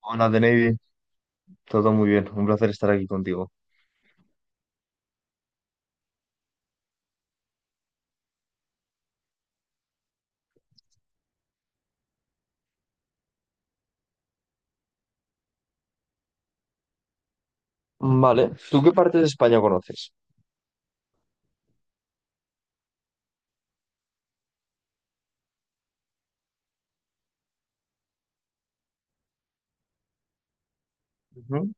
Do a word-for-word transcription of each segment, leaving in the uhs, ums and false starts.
Hola, The Navy. Todo muy bien. Un placer estar aquí contigo. Vale, ¿tú qué parte de España conoces? Ujú,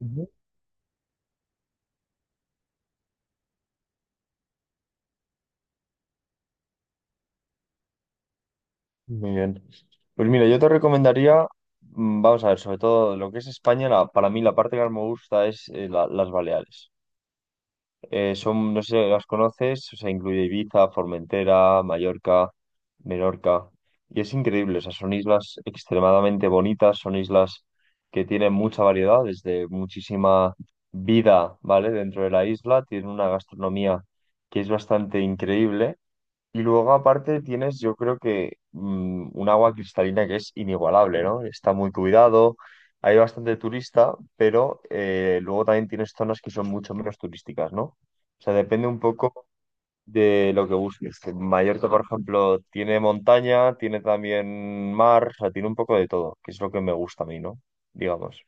ujú. Muy bien. Pues mira, yo te recomendaría, mm, vamos a ver, sobre todo lo que es España, la- para mí la parte que más me gusta es eh, la- las Baleares. Eh, son, no sé si las conoces, o sea, incluye Ibiza, Formentera, Mallorca, Menorca. Y es increíble, o sea, son islas extremadamente bonitas, son islas que tienen mucha variedad, desde muchísima vida, ¿vale? Dentro de la isla, tienen una gastronomía que es bastante increíble y luego aparte tienes, yo creo que mm, un agua cristalina que es inigualable, ¿no? Está muy cuidado, hay bastante turista, pero eh, luego también tienes zonas que son mucho menos turísticas, ¿no? O sea, depende un poco de lo que busques. Que Mallorca, por ejemplo, tiene montaña, tiene también mar, o sea, tiene un poco de todo, que es lo que me gusta a mí, ¿no? Digamos.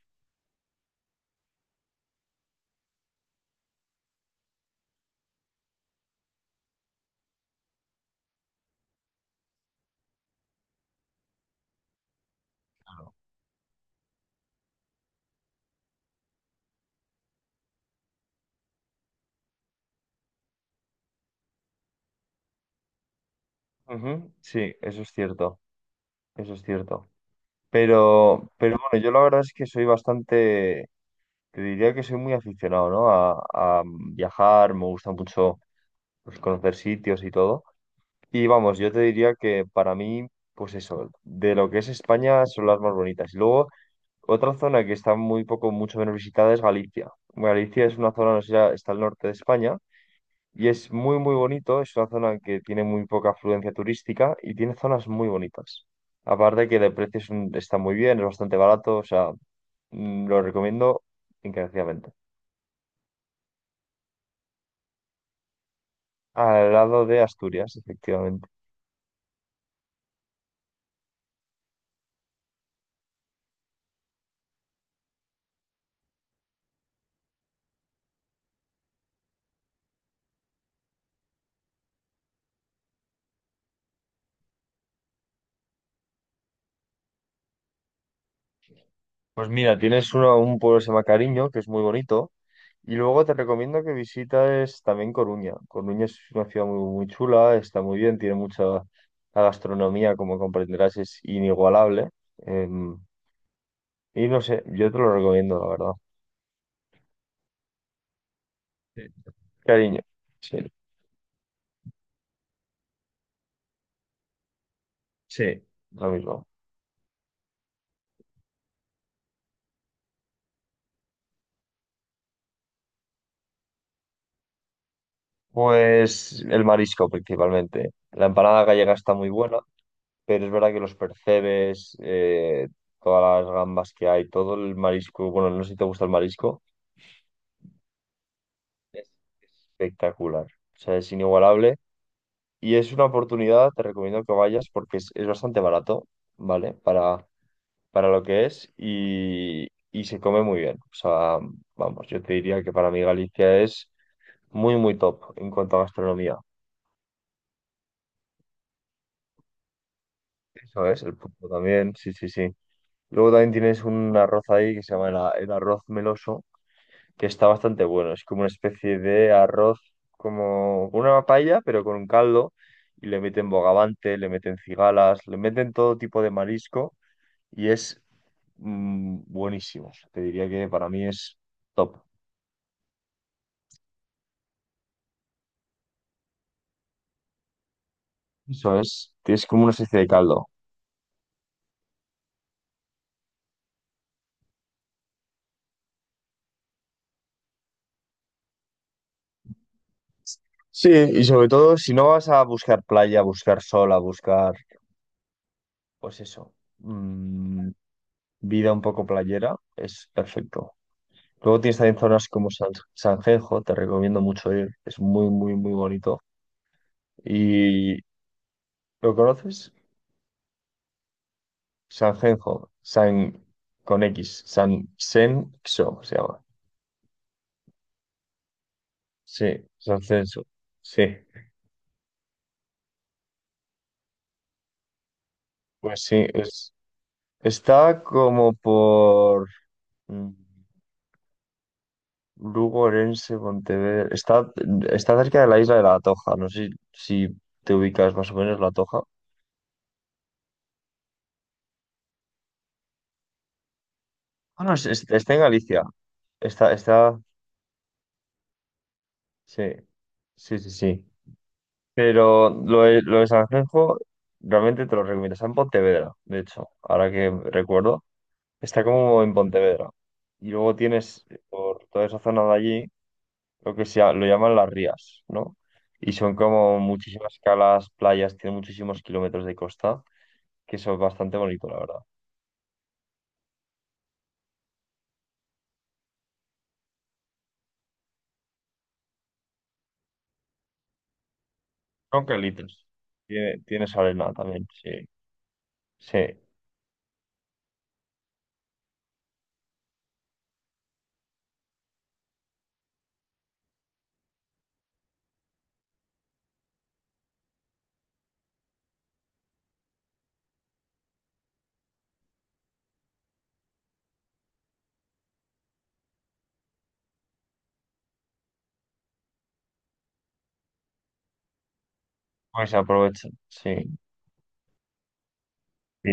Ujú, sí, eso es cierto, eso es cierto. Pero, pero bueno, yo la verdad es que soy bastante. Te diría que soy muy aficionado, ¿no? A, a viajar, me gusta mucho pues, conocer sitios y todo. Y vamos, yo te diría que para mí, pues eso, de lo que es España son las más bonitas. Y luego, otra zona que está muy poco, mucho menos visitada es Galicia. Galicia es una zona, no sé, ya está al norte de España y es muy, muy bonito. Es una zona que tiene muy poca afluencia turística y tiene zonas muy bonitas. Aparte que de precio es un- está muy bien, es bastante barato, o sea, mm, lo recomiendo encarecidamente. Al lado de Asturias, efectivamente. Pues mira, tienes uno, un pueblo que se llama Cariño, que es muy bonito. Y luego te recomiendo que visites también Coruña. Coruña es una ciudad muy, muy chula, está muy bien, tiene mucha la gastronomía, como comprenderás, es inigualable. Em, y no sé, yo te lo recomiendo, la verdad. Sí. Cariño. Sí, sí, lo mismo. Pues el marisco principalmente. La empanada gallega está muy buena. Pero es verdad que los percebes, eh, todas las gambas que hay, todo el marisco, bueno, no sé si te gusta el marisco, es espectacular, o sea, es inigualable y es una oportunidad, te recomiendo que vayas porque es, es bastante barato, ¿vale? Para, para lo que es y, y se come muy bien, o sea, vamos, yo te diría que para mí Galicia es muy, muy top en cuanto a gastronomía, eso es, el punto también, sí, sí, sí. Luego también tienes un arroz ahí que se llama el a- el arroz meloso que está bastante bueno. Es como una especie de arroz, como una paella, pero con un caldo. Y le meten bogavante, le meten cigalas, le meten todo tipo de marisco. Y es mm, buenísimo. Te diría que para mí es top. Eso es, es como una especie de caldo. Sí, y sobre todo si no vas a buscar playa, a buscar sol, a buscar, pues eso, mm, vida un poco playera, es perfecto. Luego tienes también zonas como San, Sanjenjo, te recomiendo mucho ir, es muy, muy, muy bonito. ¿Y lo conoces? Sanjenjo, San con X, San Xenxo se llama. Sí, Sanjenjo, sí. Pues sí, es, está como por mm, Lugo, Orense, Pontevedra. Está, está cerca de la isla de La Toja, no sé si, si te ubicas más o menos La Toja. Ah, no, es- es- está en Galicia. Está, está, sí, sí, sí, sí. Pero lo de, lo de Sanjenjo realmente te lo recomiendo. Está en Pontevedra, de hecho, ahora que recuerdo. Está como en Pontevedra. Y luego tienes por toda esa zona de allí lo que sea, lo llaman las Rías, ¿no? Y son como muchísimas calas, playas, tiene muchísimos kilómetros de costa, que eso es bastante bonito, la verdad. Son calitas. Tiene, tienes arena también, sí. Sí, pues aprovecha, sí. Sí.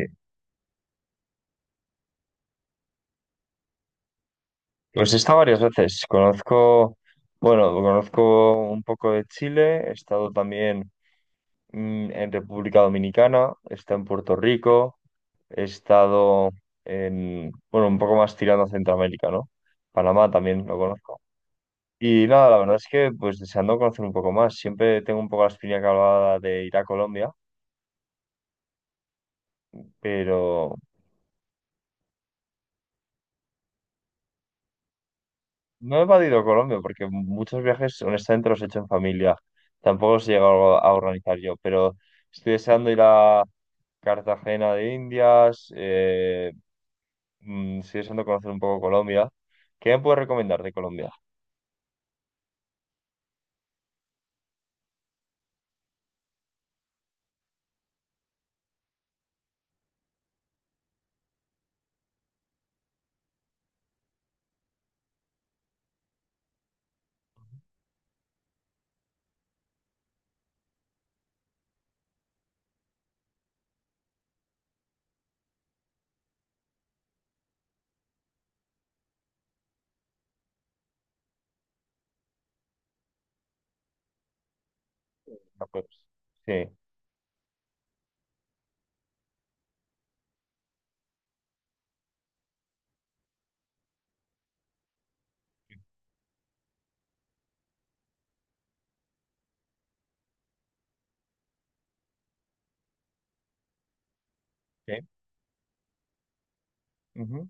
Pues he estado varias veces. Conozco, bueno, conozco un poco de Chile, he estado también mm, en República Dominicana, he estado en Puerto Rico, he estado en, bueno, un poco más tirando a Centroamérica, ¿no? Panamá también lo conozco. Y nada, la verdad es que pues deseando conocer un poco más. Siempre tengo un poco la espina clavada de ir a Colombia, pero no he evadido Colombia porque muchos viajes, honestamente, los he hecho en familia. Tampoco os he llegado a organizar yo, pero estoy deseando ir a Cartagena de Indias, eh, mm, estoy deseando conocer un poco Colombia. ¿Qué me puedes recomendar de Colombia? Ah, pues, sí, sí. Ujú,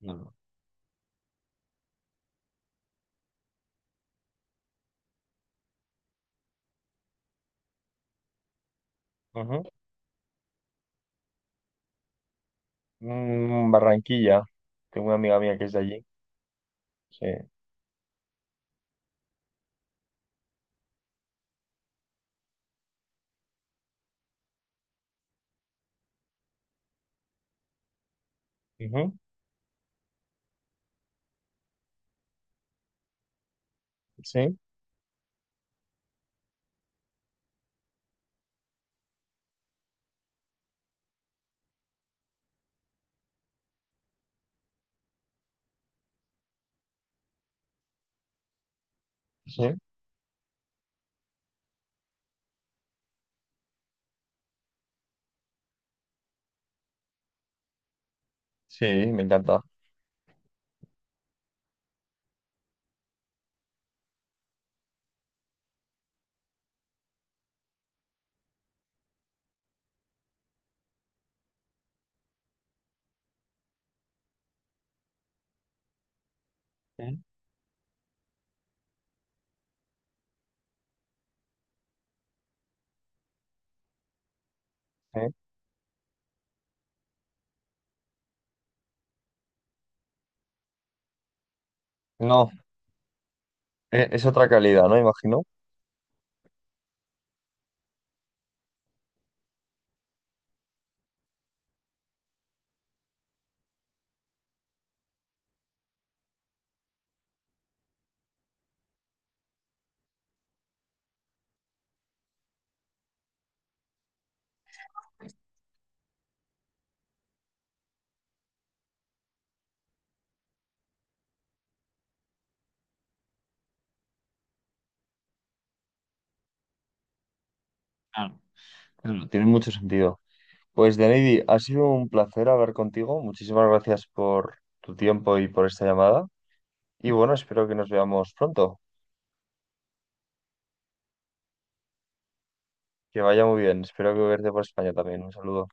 no, ujú. Mm, Barranquilla, tengo una amiga mía que es de allí. Sí, ujú, sí, sí, sí, me encanta. Sí, sí. No, e- es otra calidad, ¿no? Imagino. Claro, claro. Tiene mucho sentido. Pues, Deneidi, ha sido un placer hablar contigo. Muchísimas gracias por tu tiempo y por esta llamada. Y bueno, espero que nos veamos pronto. Que vaya muy bien. Espero que verte por España también. Un saludo.